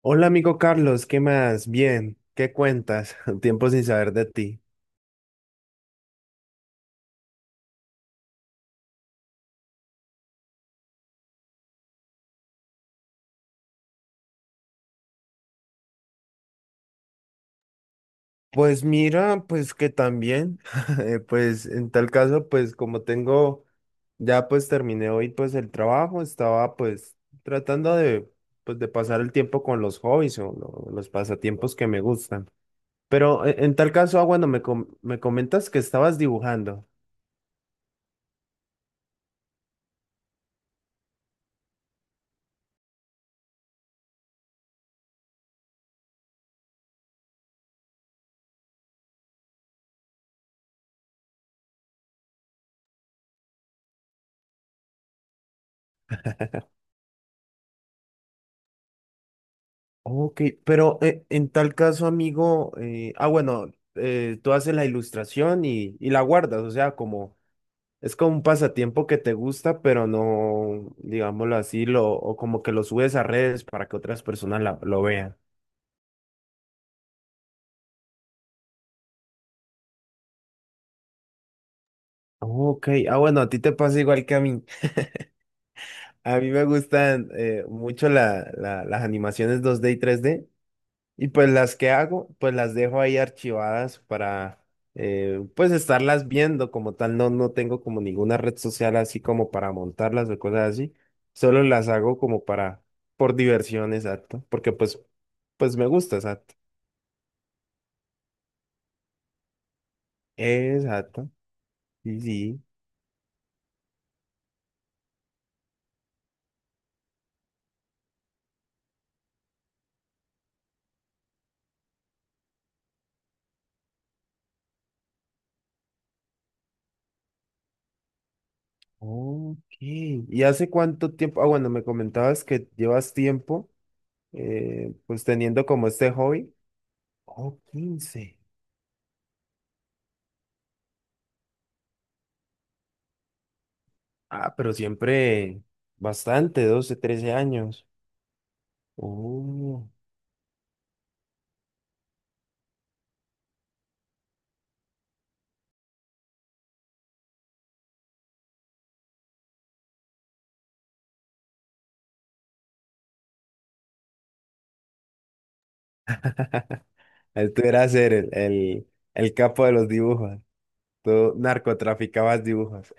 Hola amigo Carlos, ¿qué más? Bien, ¿qué cuentas? Tiempo sin saber de ti. Pues mira, pues que también, pues en tal caso, pues como tengo, ya pues terminé hoy pues el trabajo, estaba pues tratando de, pues de pasar el tiempo con los hobbies o los pasatiempos que me gustan. Pero en tal caso, ah, bueno, me comentas que estabas dibujando. Ok, pero en tal caso, amigo, ah, bueno, tú haces la ilustración y la guardas, o sea, como es como un pasatiempo que te gusta, pero no, digámoslo así, lo, o como que lo subes a redes para que otras personas lo vean. Ok, ah, bueno, a ti te pasa igual que a mí. A mí me gustan mucho las animaciones 2D y 3D. Y pues las que hago, pues las dejo ahí archivadas para pues estarlas viendo como tal. No, no tengo como ninguna red social así como para montarlas o cosas así. Solo las hago como para, por diversión, exacto. Porque pues me gusta, exacto. Exacto. Sí, sí. Ok. ¿Y hace cuánto tiempo? Ah, bueno, me comentabas que llevas tiempo pues teniendo como este hobby. Oh, 15. Ah, pero siempre bastante, 12 13 años. Oh. Tú eras el capo de los dibujos. Tú narcotraficabas dibujos.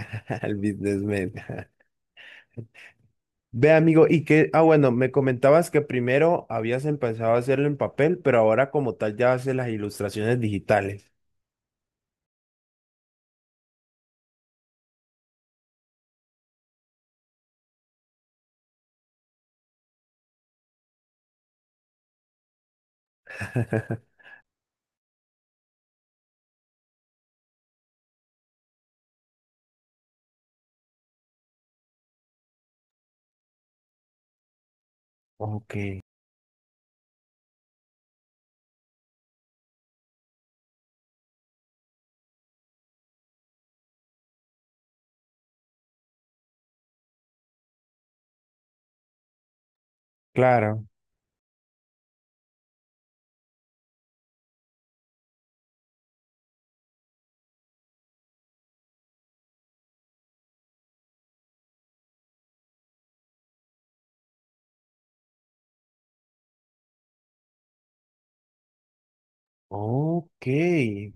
El businessman. Ve, amigo, y que, ah, bueno, me comentabas que primero habías empezado a hacerlo en papel, pero ahora como tal ya haces las ilustraciones digitales. Ok, claro. Ok,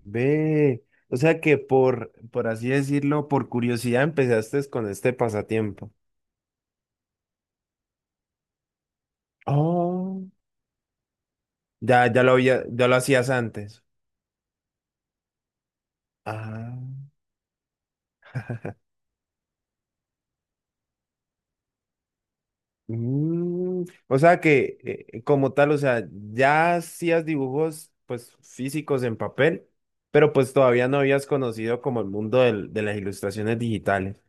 ve. O sea que por así decirlo, por curiosidad empezaste con este pasatiempo. Oh. Ya, ya ya lo hacías antes. Ah. O sea que como tal, o sea, ya hacías dibujos pues físicos en papel, pero pues todavía no habías conocido como el mundo de las ilustraciones digitales.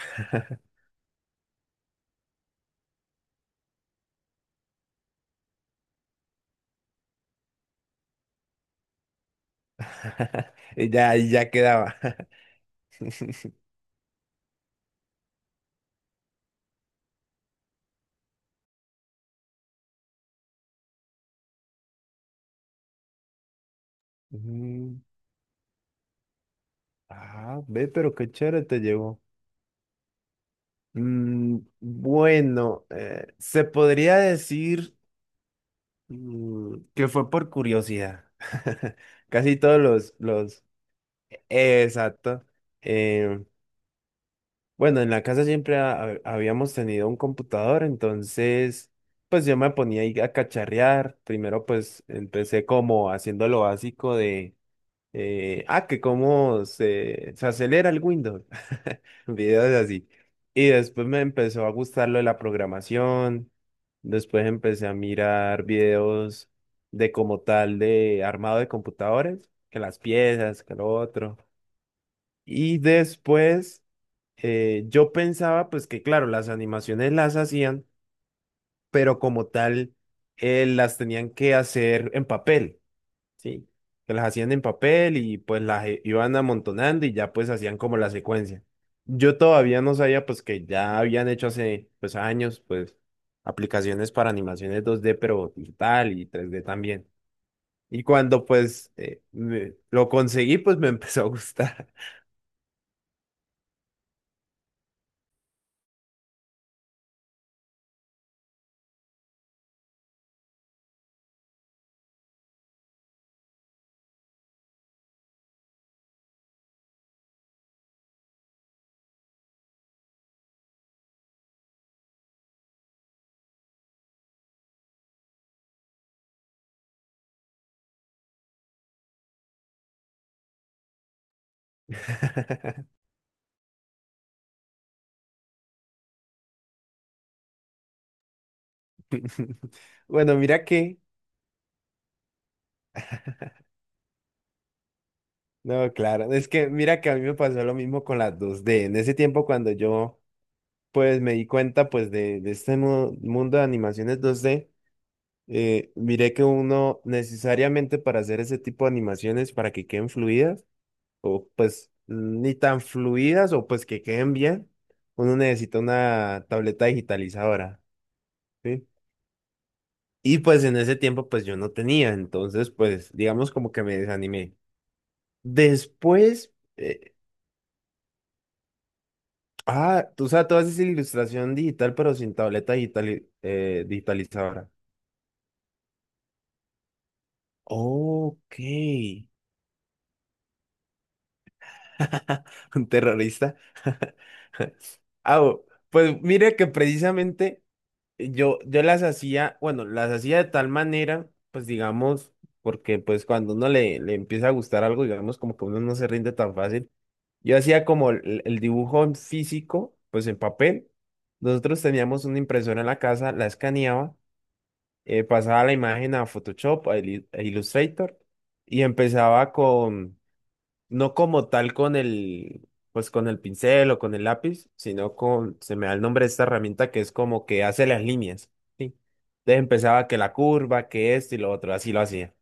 Y ya, ahí ya quedaba. Mm, ve, pero qué chévere te llevó. Bueno, se podría decir que fue por curiosidad. Casi todos los, exacto. eh, Bueno, en la casa siempre habíamos tenido un computador, entonces pues yo me ponía ahí a cacharrear. Primero pues empecé como haciendo lo básico de, que cómo se acelera el Windows, videos así. Y después me empezó a gustar lo de la programación, después empecé a mirar videos de como tal de armado de computadores, que las piezas, que lo otro. Y después yo pensaba pues que claro, las animaciones las hacían, pero como tal las tenían que hacer en papel, ¿sí? Que las hacían en papel y pues las iban amontonando y ya pues hacían como la secuencia. Yo todavía no sabía pues que ya habían hecho hace pues años pues aplicaciones para animaciones 2D pero digital y 3D también. Y cuando pues lo conseguí pues me empezó a gustar. Bueno, mira que no, claro, es que mira que a mí me pasó lo mismo con las 2D. En ese tiempo cuando yo pues me di cuenta pues de este mundo de animaciones 2D, miré que uno necesariamente para hacer ese tipo de animaciones para que queden fluidas o pues ni tan fluidas o pues que queden bien, uno necesita una tableta digitalizadora, ¿sí? Y pues en ese tiempo pues yo no tenía, entonces pues digamos como que me desanimé. Después. eh, Ah, tú sabes, tú haces ilustración digital, pero sin tableta digital, digitalizadora. Ok. Un terrorista. Ah, pues mire que precisamente yo las hacía, bueno, las hacía de tal manera, pues digamos, porque pues cuando uno le empieza a gustar algo, digamos, como que uno no se rinde tan fácil. Yo hacía como el dibujo en físico, pues en papel. Nosotros teníamos una impresora en la casa, la escaneaba pasaba la imagen a Photoshop, a Illustrator, y empezaba con, no como tal con el, pues con el pincel o con el lápiz, sino con, se me da el nombre de esta herramienta que es como que hace las líneas, ¿sí? Entonces empezaba que la curva, que esto y lo otro, así lo hacía.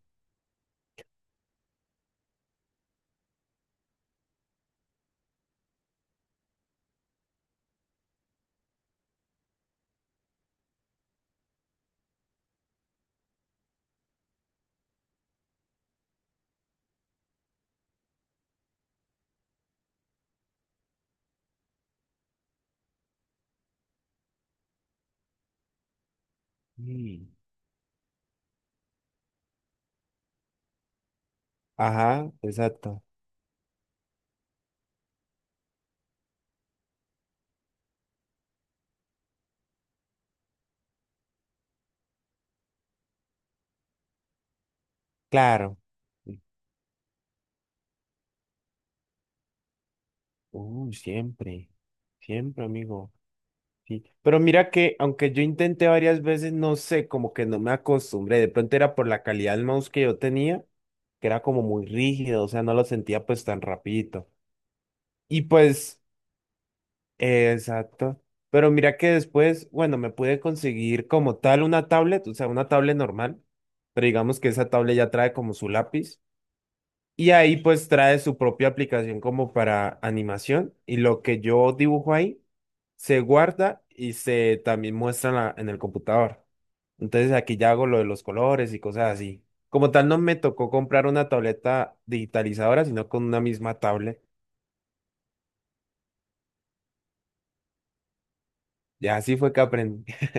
Mm. Ajá, exacto. Claro. Siempre, siempre, amigo. Sí, pero mira que aunque yo intenté varias veces, no sé, como que no me acostumbré. De pronto era por la calidad del mouse que yo tenía, que era como muy rígido, o sea, no lo sentía pues tan rapidito. Y pues, exacto. Pero mira que después, bueno, me pude conseguir como tal una tablet, o sea, una tablet normal, pero digamos que esa tablet ya trae como su lápiz. Y ahí pues trae su propia aplicación como para animación y lo que yo dibujo ahí se guarda y se también muestra en, en el computador. Entonces aquí ya hago lo de los colores y cosas así. Como tal no me tocó comprar una tableta digitalizadora, sino con una misma tablet. Ya así fue que aprendí.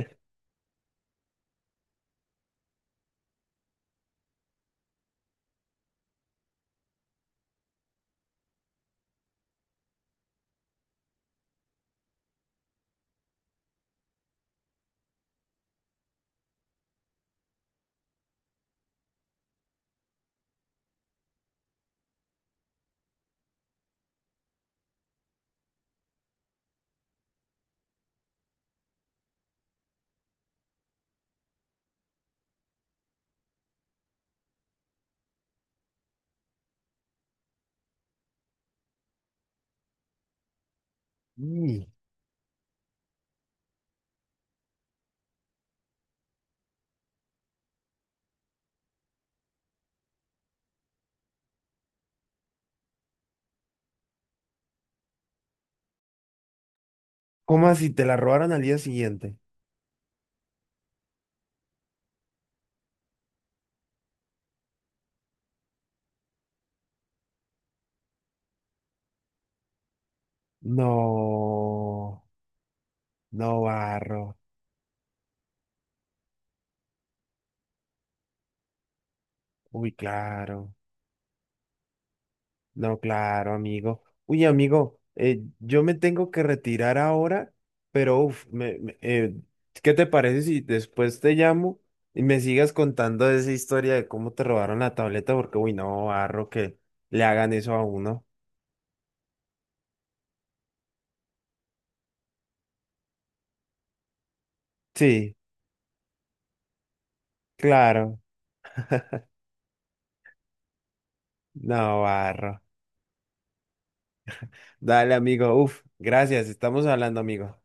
Mm. ¿Cómo así? ¿Te la robaron al día siguiente? No, no barro. Uy, claro. No, claro, amigo. Uy, amigo, yo me tengo que retirar ahora, pero uf, ¿qué te parece si después te llamo y me sigas contando esa historia de cómo te robaron la tableta? Porque, uy, no, barro, que le hagan eso a uno. Sí, claro, no, barro. Dale, amigo, uf, gracias, estamos hablando, amigo.